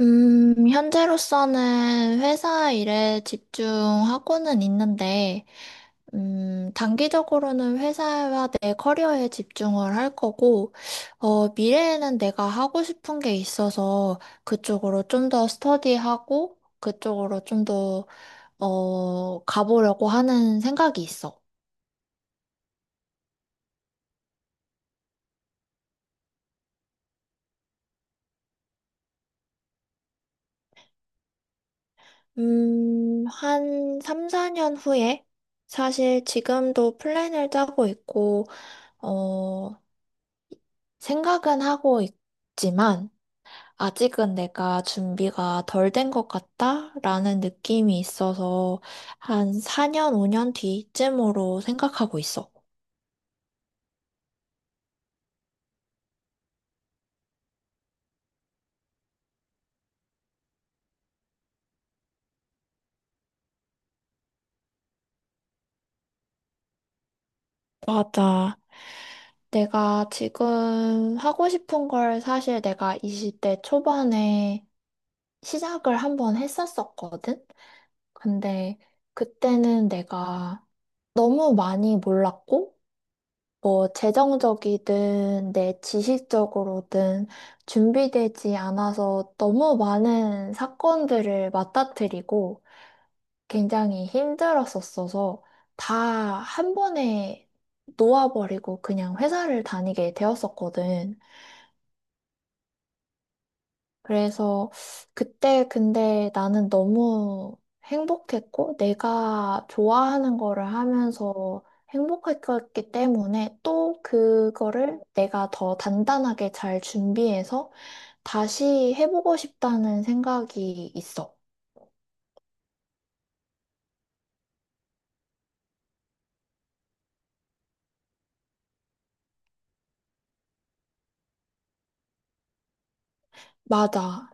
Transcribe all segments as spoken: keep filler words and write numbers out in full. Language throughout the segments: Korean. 음, 현재로서는 회사 일에 집중하고는 있는데, 음, 단기적으로는 회사와 내 커리어에 집중을 할 거고, 어, 미래에는 내가 하고 싶은 게 있어서 그쪽으로 좀 더 스터디하고, 그쪽으로 좀 더, 어, 가보려고 하는 생각이 있어. 음, 한 삼, 사 년 후에? 사실 지금도 플랜을 짜고 있고, 어, 생각은 하고 있지만 아직은 내가 준비가 덜 된 것 같다라는 느낌이 있어서 한 사 년, 오 년 뒤쯤으로 생각하고 있어. 맞아. 내가 지금 하고 싶은 걸 사실 내가 이십 대 초반에 시작을 한번 했었었거든? 근데 그때는 내가 너무 많이 몰랐고, 뭐 재정적이든 내 지식적으로든 준비되지 않아서 너무 많은 사건들을 맞닥뜨리고 굉장히 힘들었었어서 다 한 번에 놓아버리고 그냥 회사를 다니게 되었었거든. 그래서 그때 근데 나는 너무 행복했고 내가 좋아하는 거를 하면서 행복했기 때문에 또 그거를 내가 더 단단하게 잘 준비해서 다시 해보고 싶다는 생각이 있어. 맞아,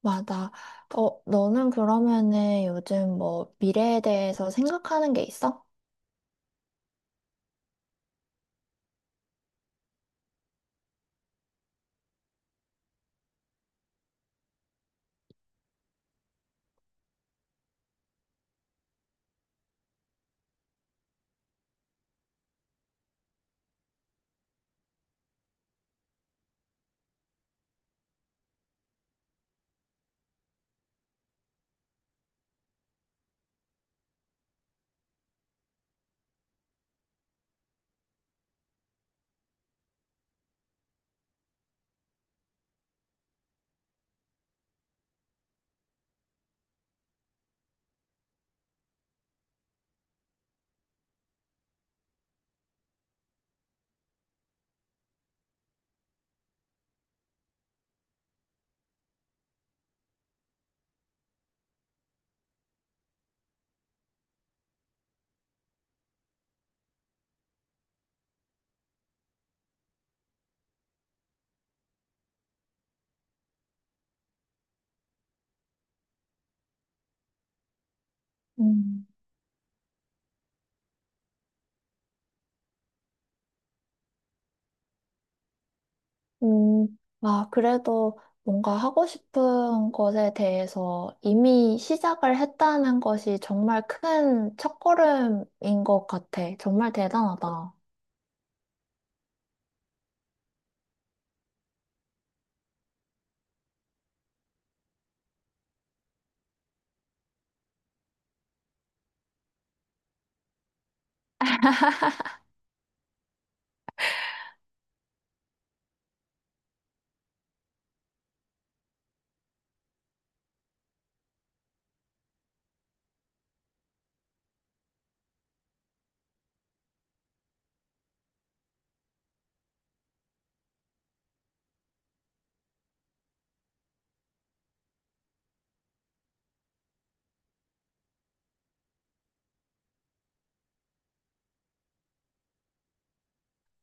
맞아. 어, 너는 그러면은 요즘 뭐 미래에 대해서 생각하는 게 있어? 음. 음, 아, 그래도 뭔가 하고 싶은 것에 대해서 이미 시작을 했다는 것이 정말 큰 첫걸음인 것 같아. 정말 대단하다.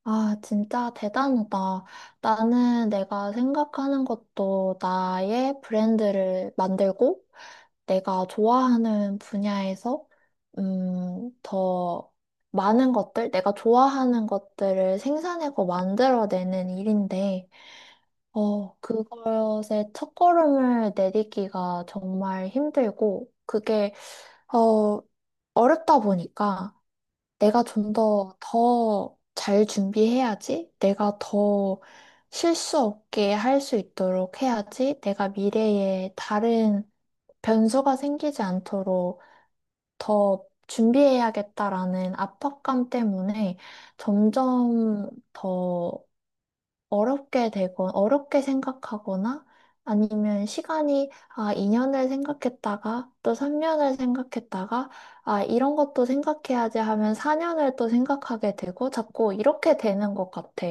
아, 진짜 대단하다. 나는 내가 생각하는 것도 나의 브랜드를 만들고 내가 좋아하는 분야에서 음, 더 많은 것들, 내가 좋아하는 것들을 생산하고 만들어내는 일인데 어, 그것의 첫걸음을 내딛기가 정말 힘들고, 그게, 어, 어렵다 보니까 내가 좀 더, 더 잘 준비해야지, 내가 더 실수 없게 할 수 있도록 해야지, 내가 미래에 다른 변수가 생기지 않도록 더 준비해야겠다라는 압박감 때문에 점점 더 어렵게 되고, 어렵게 생각하거나 아니면 시간이, 아, 이 년을 생각했다가 또 삼 년을 생각했다가, 아, 이런 것도 생각해야지 하면 사 년을 또 생각하게 되고 자꾸 이렇게 되는 것 같아.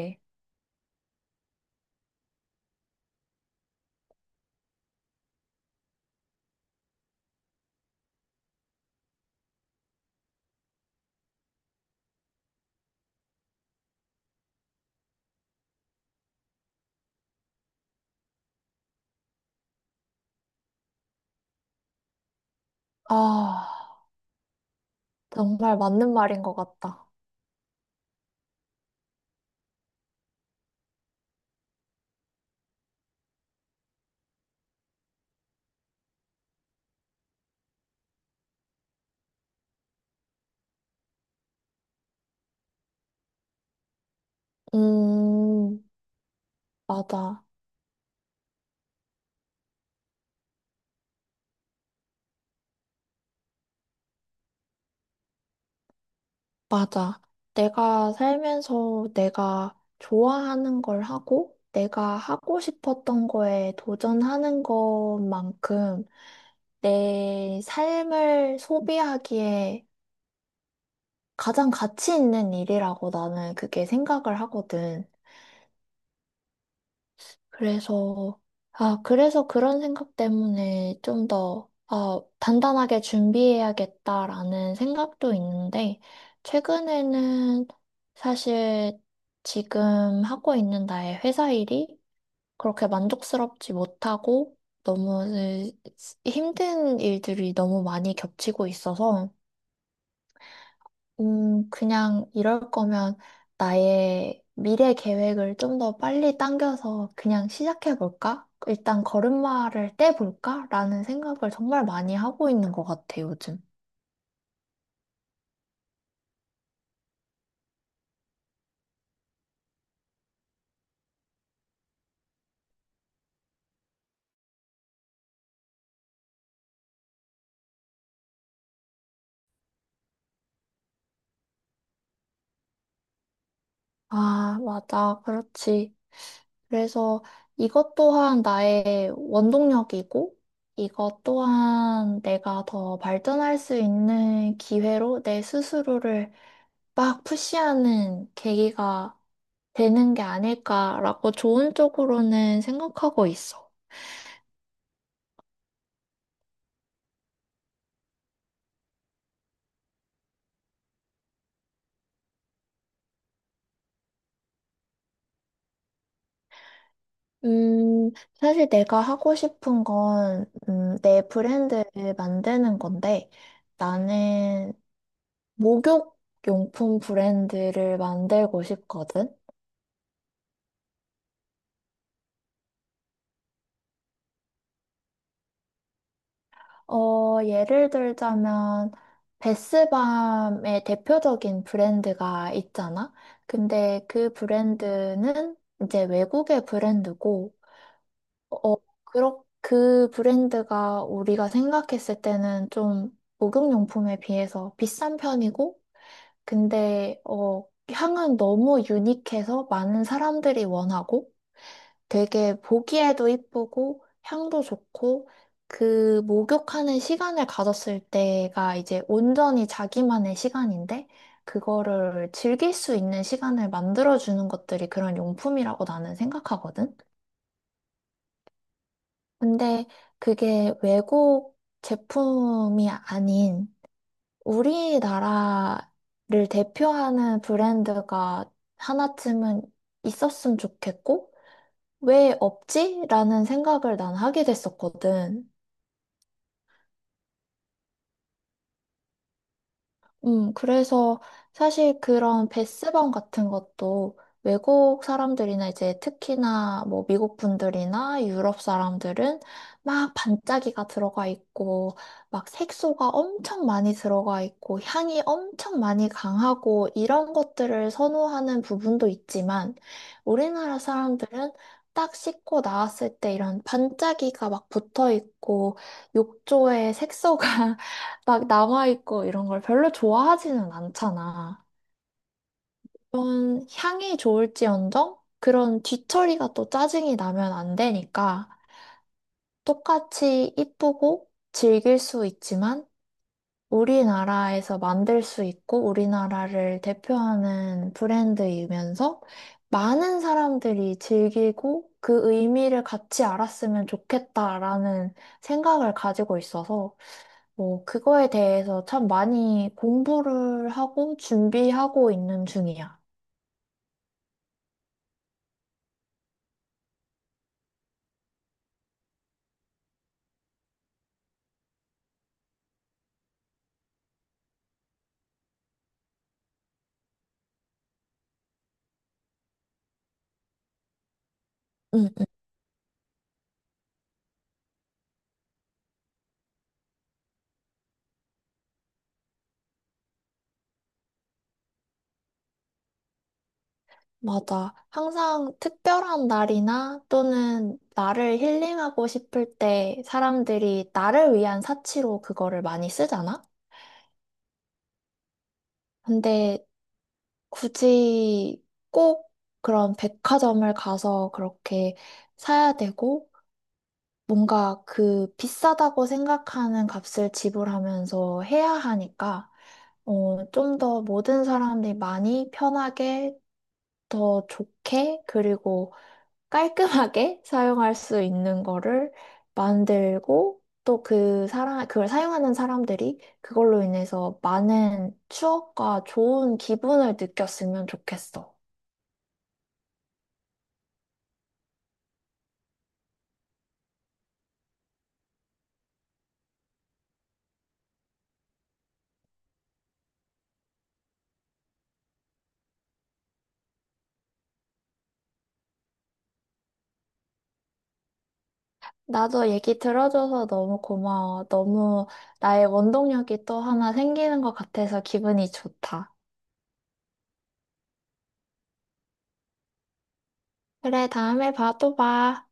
아, 정말 맞는 말인 것 같다. 음, 맞아, 맞아. 내가 살면서 내가 좋아하는 걸 하고, 내가 하고 싶었던 거에 도전하는 것만큼 내 삶을 소비하기에 가장 가치 있는 일이라고 나는 그게 생각을 하거든. 그래서, 아, 그래서 그런 생각 때문에 좀 더, 아, 단단하게 준비해야겠다라는 생각도 있는데, 최근에는 사실 지금 하고 있는 나의 회사 일이 그렇게 만족스럽지 못하고, 너무 힘든 일들이 너무 많이 겹치고 있어서, 음, 그냥 이럴 거면 나의 미래 계획을 좀 더 빨리 당겨서 그냥 시작해 볼까? 일단 걸음마를 떼볼까? 라는 생각을 정말 많이 하고 있는 것 같아, 요즘. 아, 맞아. 그렇지. 그래서 이것 또한 나의 원동력이고, 이것 또한 내가 더 발전할 수 있는 기회로 내 스스로를 막 푸시하는 계기가 되는 게 아닐까라고 좋은 쪽으로는 생각하고 있어. 음, 사실 내가 하고 싶은 건, 음, 내 브랜드를 만드는 건데, 나는 목욕 용품 브랜드를 만들고 싶거든. 어, 예를 들자면, 베스밤의 대표적인 브랜드가 있잖아? 근데 그 브랜드는 이제 외국의 브랜드고, 어, 그렇, 그 브랜드가 우리가 생각했을 때는 좀 목욕용품에 비해서 비싼 편이고, 근데, 어, 향은 너무 유니크해서 많은 사람들이 원하고, 되게 보기에도 이쁘고 향도 좋고 그 목욕하는 시간을 가졌을 때가 이제 온전히 자기만의 시간인데 그거를 즐길 수 있는 시간을 만들어주는 것들이 그런 용품이라고 나는 생각하거든. 근데 그게 외국 제품이 아닌 우리나라를 대표하는 브랜드가 하나쯤은 있었으면 좋겠고 왜 없지? 라는 생각을 난 하게 됐었거든. 음, 그래서 사실 그런 베스방 같은 것도 외국 사람들이나 이제 특히나 뭐 미국 분들이나 유럽 사람들은 막 반짝이가 들어가 있고 막 색소가 엄청 많이 들어가 있고 향이 엄청 많이 강하고 이런 것들을 선호하는 부분도 있지만 우리나라 사람들은 딱 씻고 나왔을 때 이런 반짝이가 막 붙어 있고 욕조에 색소가 막 남아있고 이런 걸 별로 좋아하지는 않잖아. 그런 향이 좋을지언정 그런 뒤처리가 또 짜증이 나면 안 되니까 똑같이 이쁘고 즐길 수 있지만 우리나라에서 만들 수 있고 우리나라를 대표하는 브랜드이면서 많은 사람들이 즐기고 그 의미를 같이 알았으면 좋겠다라는 생각을 가지고 있어서 뭐, 그거에 대해서 참 많이 공부를 하고 준비하고 있는 중이야. 응, 응. 맞아. 항상 특별한 날이나 또는 나를 힐링하고 싶을 때 사람들이 나를 위한 사치로 그거를 많이 쓰잖아? 근데 굳이 꼭 그런 백화점을 가서 그렇게 사야 되고, 뭔가 그 비싸다고 생각하는 값을 지불하면서 해야 하니까, 어, 좀 더 모든 사람들이 많이 편하게, 더 좋게, 그리고 깔끔하게 사용할 수 있는 거를 만들고, 또 그 사람, 그걸 사용하는 사람들이 그걸로 인해서 많은 추억과 좋은 기분을 느꼈으면 좋겠어. 나도 얘기 들어줘서 너무 고마워. 너무 나의 원동력이 또 하나 생기는 것 같아서 기분이 좋다. 그래, 다음에 봐, 또 봐.